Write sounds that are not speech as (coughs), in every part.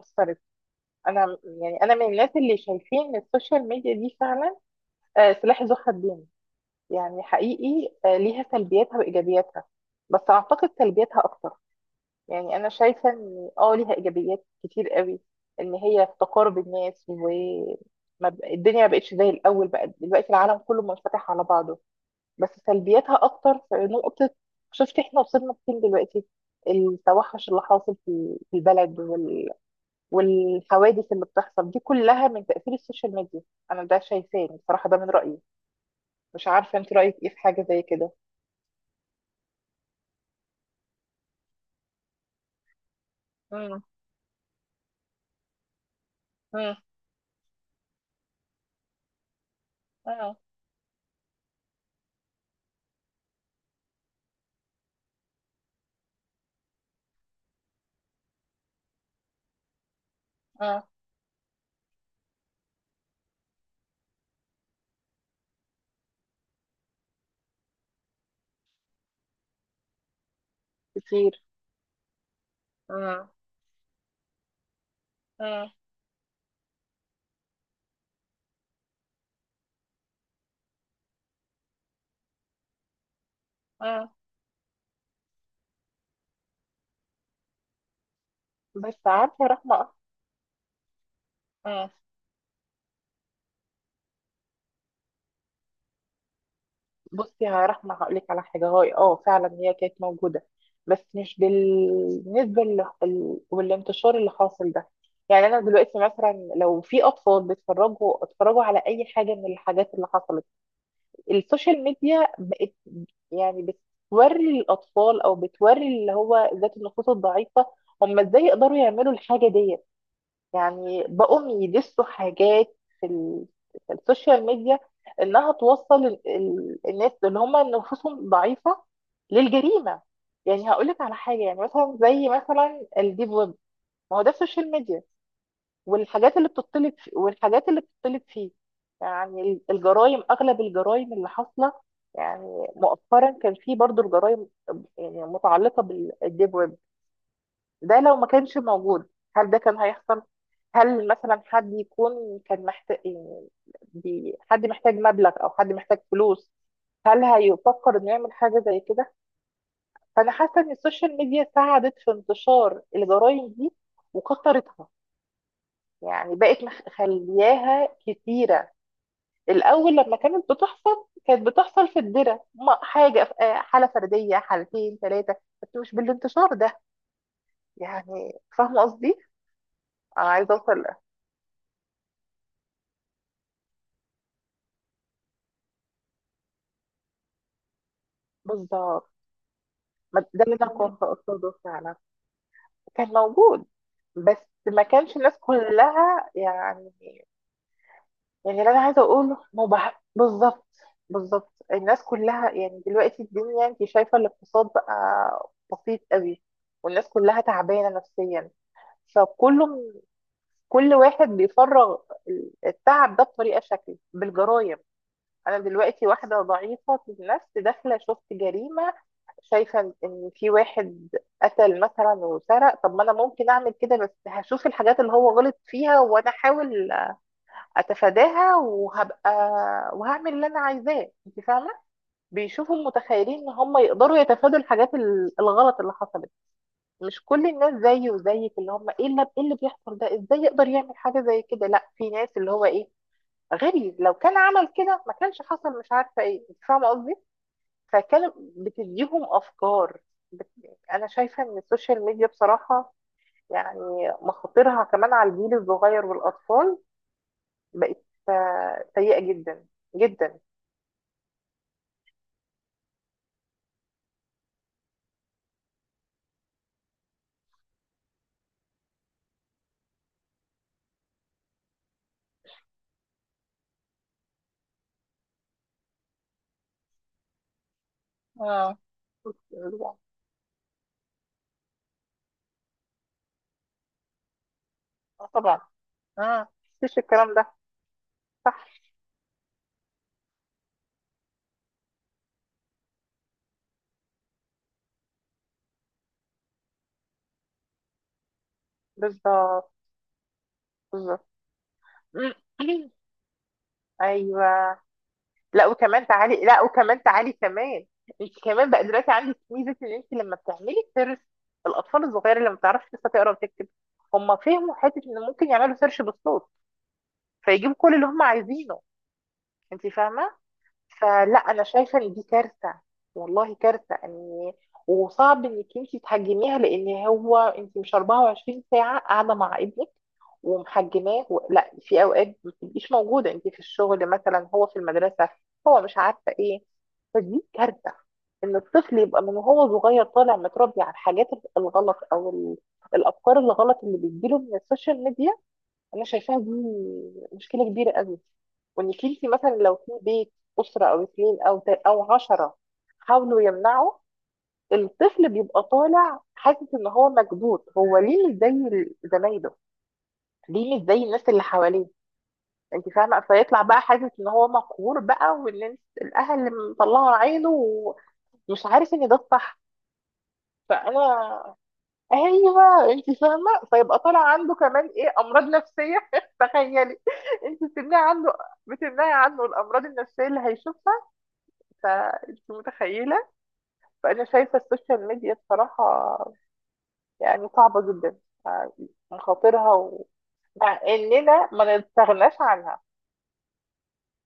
أثرت. أنا يعني أنا من الناس اللي شايفين إن السوشيال ميديا دي فعلا سلاح ذو حدين. يعني حقيقي، ليها سلبياتها وإيجابياتها، بس أعتقد سلبياتها أكتر. يعني أنا شايفة إن ليها إيجابيات كتير قوي، إن هي في تقارب الناس، و ما ب- الدنيا ما بقتش زي الأول، بقى دلوقتي العالم كله منفتح على بعضه. بس سلبياتها أكتر في نقطة. شفت إحنا وصلنا فين دلوقتي؟ التوحش اللي حاصل في البلد، والحوادث اللي بتحصل دي كلها من تأثير السوشيال ميديا. انا ده شايفاه بصراحة، ده من رأيي. مش عارفة انت رأيك ايه في حاجة زي كده؟ مم. مم. مم. مم. كتير. مم. مم. مم. بس عارفة يا رحمة. مم. بصي يا رحمة هقولك على حاجة. هاي اه فعلا هي كانت موجودة، بس مش بالنسبة والانتشار اللي حاصل ده. يعني انا دلوقتي مثلا لو في اطفال بيتفرجوا اتفرجوا على اي حاجة من الحاجات اللي حصلت، السوشيال ميديا بقت يعني بتوري الأطفال أو بتوري اللي هو ذات النفوس الضعيفة هم إزاي يقدروا يعملوا الحاجة ديت. يعني بقوم يدسوا حاجات في السوشيال ميديا، إنها توصل الناس اللي هم نفوسهم ضعيفة للجريمة. يعني هقولك على حاجة، يعني مثلا زي مثلا الديب ويب، ما هو ده السوشيال ميديا، والحاجات اللي بتطلب والحاجات اللي بتطلب فيه. يعني الجرائم، اغلب الجرائم اللي حاصله يعني مؤخرا كان في برضو الجرائم يعني متعلقه بالديب ويب. ده لو ما كانش موجود، هل ده كان هيحصل؟ هل مثلا حد يكون كان محتاج يعني، حد محتاج مبلغ او حد محتاج فلوس، هل هيفكر انه يعمل حاجه زي كده؟ فانا حاسه ان السوشيال ميديا ساعدت في انتشار الجرائم دي وكثرتها. يعني بقت مخلياها كتيرة. الأول لما كانت بتحصل كانت بتحصل في الدرة، ما- حاجة ف- آه، حالة فردية، حالتين ثلاثة، بس مش بالانتشار ده. يعني فاهمة قصدي؟ أنا عايزة أوصل بالظبط. ده اللي أنا فهمك كنت أقصده فعلا. كان موجود بس ما كانش الناس كلها يعني. يعني اللي انا عايزه اقوله ما هو، بالظبط. بالظبط الناس كلها يعني، دلوقتي الدنيا انت شايفه الاقتصاد بقى بسيط قوي، والناس كلها تعبانه نفسيا. فكله، كل واحد بيفرغ التعب ده بطريقه، شكل بالجرايم. انا دلوقتي واحده ضعيفه النفس، داخله شفت جريمه، شايفه ان في واحد قتل مثلا وسرق. طب ما انا ممكن اعمل كده، بس هشوف الحاجات اللي هو غلط فيها وانا احاول اتفاداها، وهبقى وهعمل اللي انا عايزاه، انت فاهمه. بيشوفوا متخيلين ان هم يقدروا يتفادوا الحاجات الغلط اللي حصلت. مش كل الناس زيي وزيك اللي هم ايه، اللي إيه اللي بيحصل ده ازاي يقدر يعمل حاجه زي كده؟ لا، في ناس اللي هو ايه، غبي لو كان عمل كده ما كانش حصل، مش عارفه ايه. انت فاهمه قصدي؟ فكان بتديهم افكار. بت... انا شايفه ان السوشيال ميديا بصراحه يعني مخاطرها كمان على الجيل الصغير والاطفال بقت سيئه جدا جدا. اه الأسبوع. طبعا. اه مفيش الكلام ده. صح. بالظبط. بالظبط. (coughs) (clears throat) م- ايوه. لا وكمان تعالي، لا وكمان تعالي كمان. انت كمان بقى دلوقتي عندك ميزه ان انت لما بتعملي سيرش، الاطفال الصغيره اللي ما بتعرفش لسه تقرا وتكتب هم فهموا حته ان ممكن يعملوا سيرش بالصوت، فيجيبوا كل اللي هم عايزينه. انت فاهمه. فلا انا شايفه ان دي كارثه. والله كارثه، ان وصعب انك انت تحجميها، لان هو انت مش 24 ساعه قاعده مع ابنك ومحجماه لا، في اوقات ما بتبقيش موجوده، انت في الشغل مثلا، هو في المدرسه، هو مش عارفه ايه. فدي كارثه ان الطفل يبقى من وهو صغير طالع متربي على الحاجات الغلط او الافكار الغلط اللي بتجيله من السوشيال ميديا. انا شايفاها دي مشكله كبيره قوي. وانك انت مثلا لو في بيت اسره او اثنين او عشره حاولوا يمنعوا، الطفل بيبقى طالع حاسس ان هو مكبوت، هو ليه مش زي زمايله، ليه مش زي الناس اللي حواليه. انت فاهمه، فيطلع بقى حاسس ان هو مقهور بقى، وان الاهل مطلعوا عينه ومش عارف ان ده الصح. فانا، ايوه انت فاهمه، فيبقى طالع عنده كمان ايه، امراض نفسيه (laughs) تخيلي، انت بتمنعي عنه، بتمنعي عنه الامراض النفسيه اللي هيشوفها. فانت متخيله. فانا شايفه السوشيال ميديا بصراحه يعني صعبه جدا. يعني مخاطرها مع اننا ما نستغناش عنها.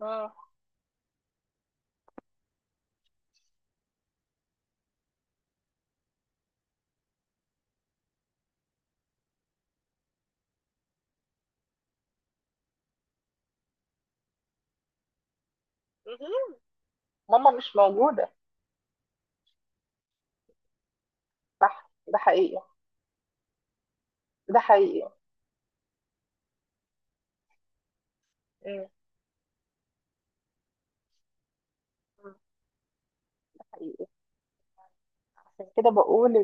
مم. مهم. ماما مش موجوده. ده حقيقي. ده حقيقي. مم. مم. ده حقيقي. عشان كده بقول،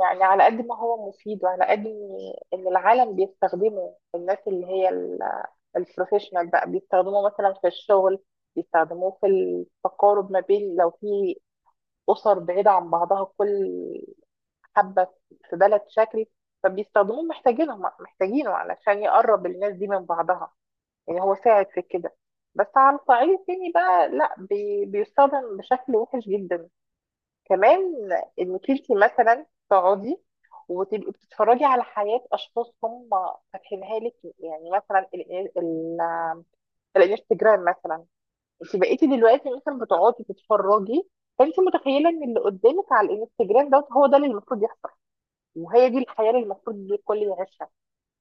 يعني على قد ما هو مفيد، وعلى قد ان العالم بيستخدمه، الناس اللي هي البروفيشنال بقى بيستخدموه مثلا في الشغل، بيستخدموه في التقارب، ما بين لو في أسر بعيدة عن بعضها، كل حبة في بلد شكل، فبيستخدموه، محتاجينهم محتاجينه علشان يقرب الناس دي من بعضها. يعني هو ساعد في كده. بس على الصعيد التاني بقى لا، بيستخدم بشكل وحش جدا كمان. انك انت مثلا تقعدي وتبقي بتتفرجي على حياة اشخاص هم فاتحينها لك، يعني مثلا ال ال الانستجرام مثلا. انت بقيتي دلوقتي مثلا بتقعدي تتفرجي، فانت متخيلة ان اللي قدامك على الانستجرام دوت هو ده اللي المفروض يحصل، وهي دي الحياة اللي المفروض الكل يعيشها.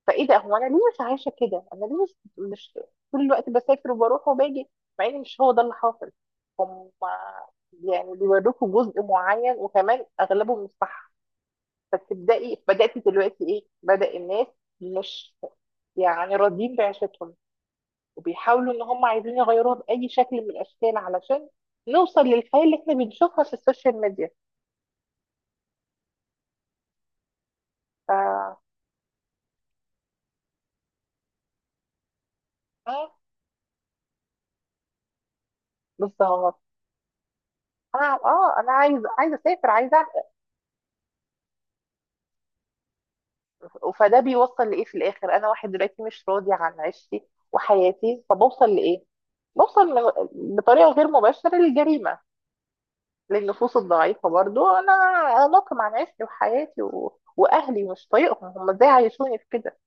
فايه ده، هو انا ليه مش عايشه كده، انا ليه مش طول الوقت بسافر وبروح وباجي، مع ان مش هو ده اللي حاصل. هم يعني بيوروكوا جزء معين وكمان اغلبه مش صح. فتبداي بداتي دلوقتي ايه، بدا الناس مش يعني راضيين بعيشتهم، وبيحاولوا ان هم عايزين يغيروها باي شكل من الاشكال علشان نوصل للحياه اللي احنا بنشوفها في السوشيال ميديا. ف آه، بالظبط. انا عايزه اسافر، عايزه. فده بيوصل لايه في الاخر؟ انا واحد دلوقتي مش راضي عن عيشتي وحياتي، فبوصل لايه؟ بوصل بطريقه غير مباشره للجريمه، للنفوس الضعيفه برضو. انا اناقم عن عيشتي وحياتي واهلي مش طايقهم، هم ازاي عايشوني في كده.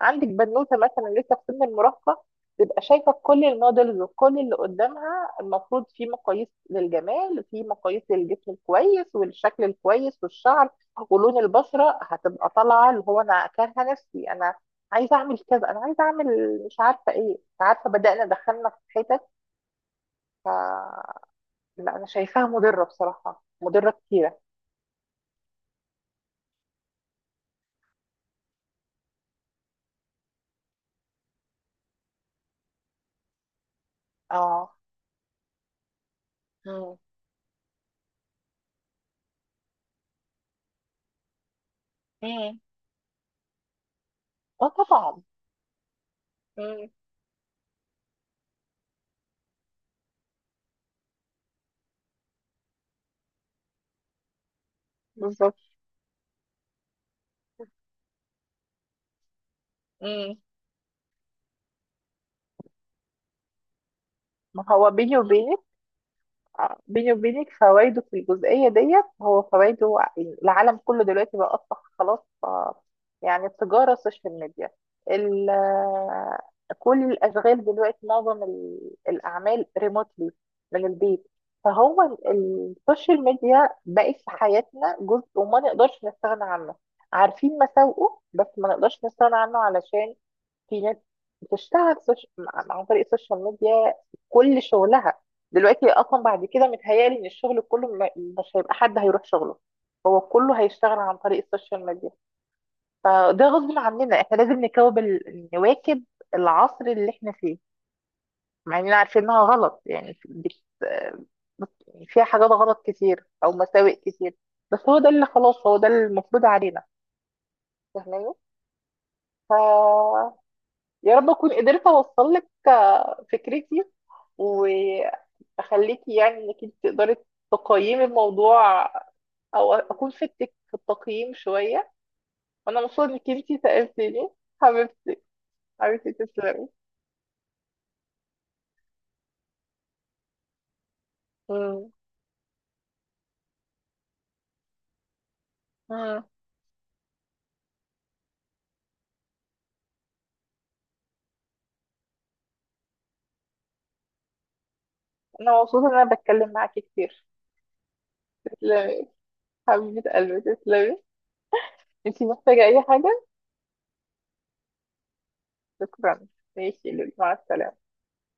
عندك بنوته مثلا لسه في سن المراهقه، تبقى شايفه كل المودلز وكل اللي قدامها، المفروض في مقاييس للجمال، في مقاييس للجسم الكويس والشكل الكويس والشعر ولون البشره، هتبقى طالعه اللي هو انا كارهه نفسي، انا عايزه اعمل كذا، انا عايزه اعمل، مش عارفه ايه، مش عارفه، بدانا دخلنا في حتت. ف... لا انا شايفاها مضره بصراحه، مضره كتيره. اه. مم. مم. اه طبعا. مم. بالظبط. مم. ما هو بيني وبينك، بيني وبينك فوائده في الجزئية ديت. هو فوائده العالم كله دلوقتي بقى أصبح خلاص، يعني التجارة السوشيال ميديا، ال- آه، كل الأشغال دلوقتي، معظم الأعمال ريموتلي من البيت. فهو السوشيال ميديا بقت في حياتنا جزء وما نقدرش نستغنى عنه. عارفين مساوئه بس ما نقدرش نستغنى عنه، علشان في ناس بتشتغل عن طريق السوشيال ميديا كل شغلها. دلوقتي اصلا بعد كده متهيألي ان الشغل كله مش هيبقى حد هيروح شغله، هو كله هيشتغل عن طريق السوشيال ميديا. فده غصب عننا، احنا لازم نواكب العصر اللي احنا فيه، مع اننا عارفين انها غلط، يعني فيها حاجات غلط كتير او مساوئ كتير، بس هو ده اللي خلاص، هو ده المفروض علينا، فاهماني. ف، يا رب اكون قدرت اوصل لك فكرتي، واخليكي يعني انك انت تقدري تقيمي الموضوع، او اكون فدتك في التقييم شويه. وانا مبسوطه انك انت سالتيني. حبيبتي. حبيبتي تسلمي. مم. مم. انا مبسوطه ان انا بتكلم معاكي كتير. تسلمي. حبيبه قلبي تسلمي. انت محتاجه اي حاجه؟ شكرا. ماشي لولو. مع السلامه.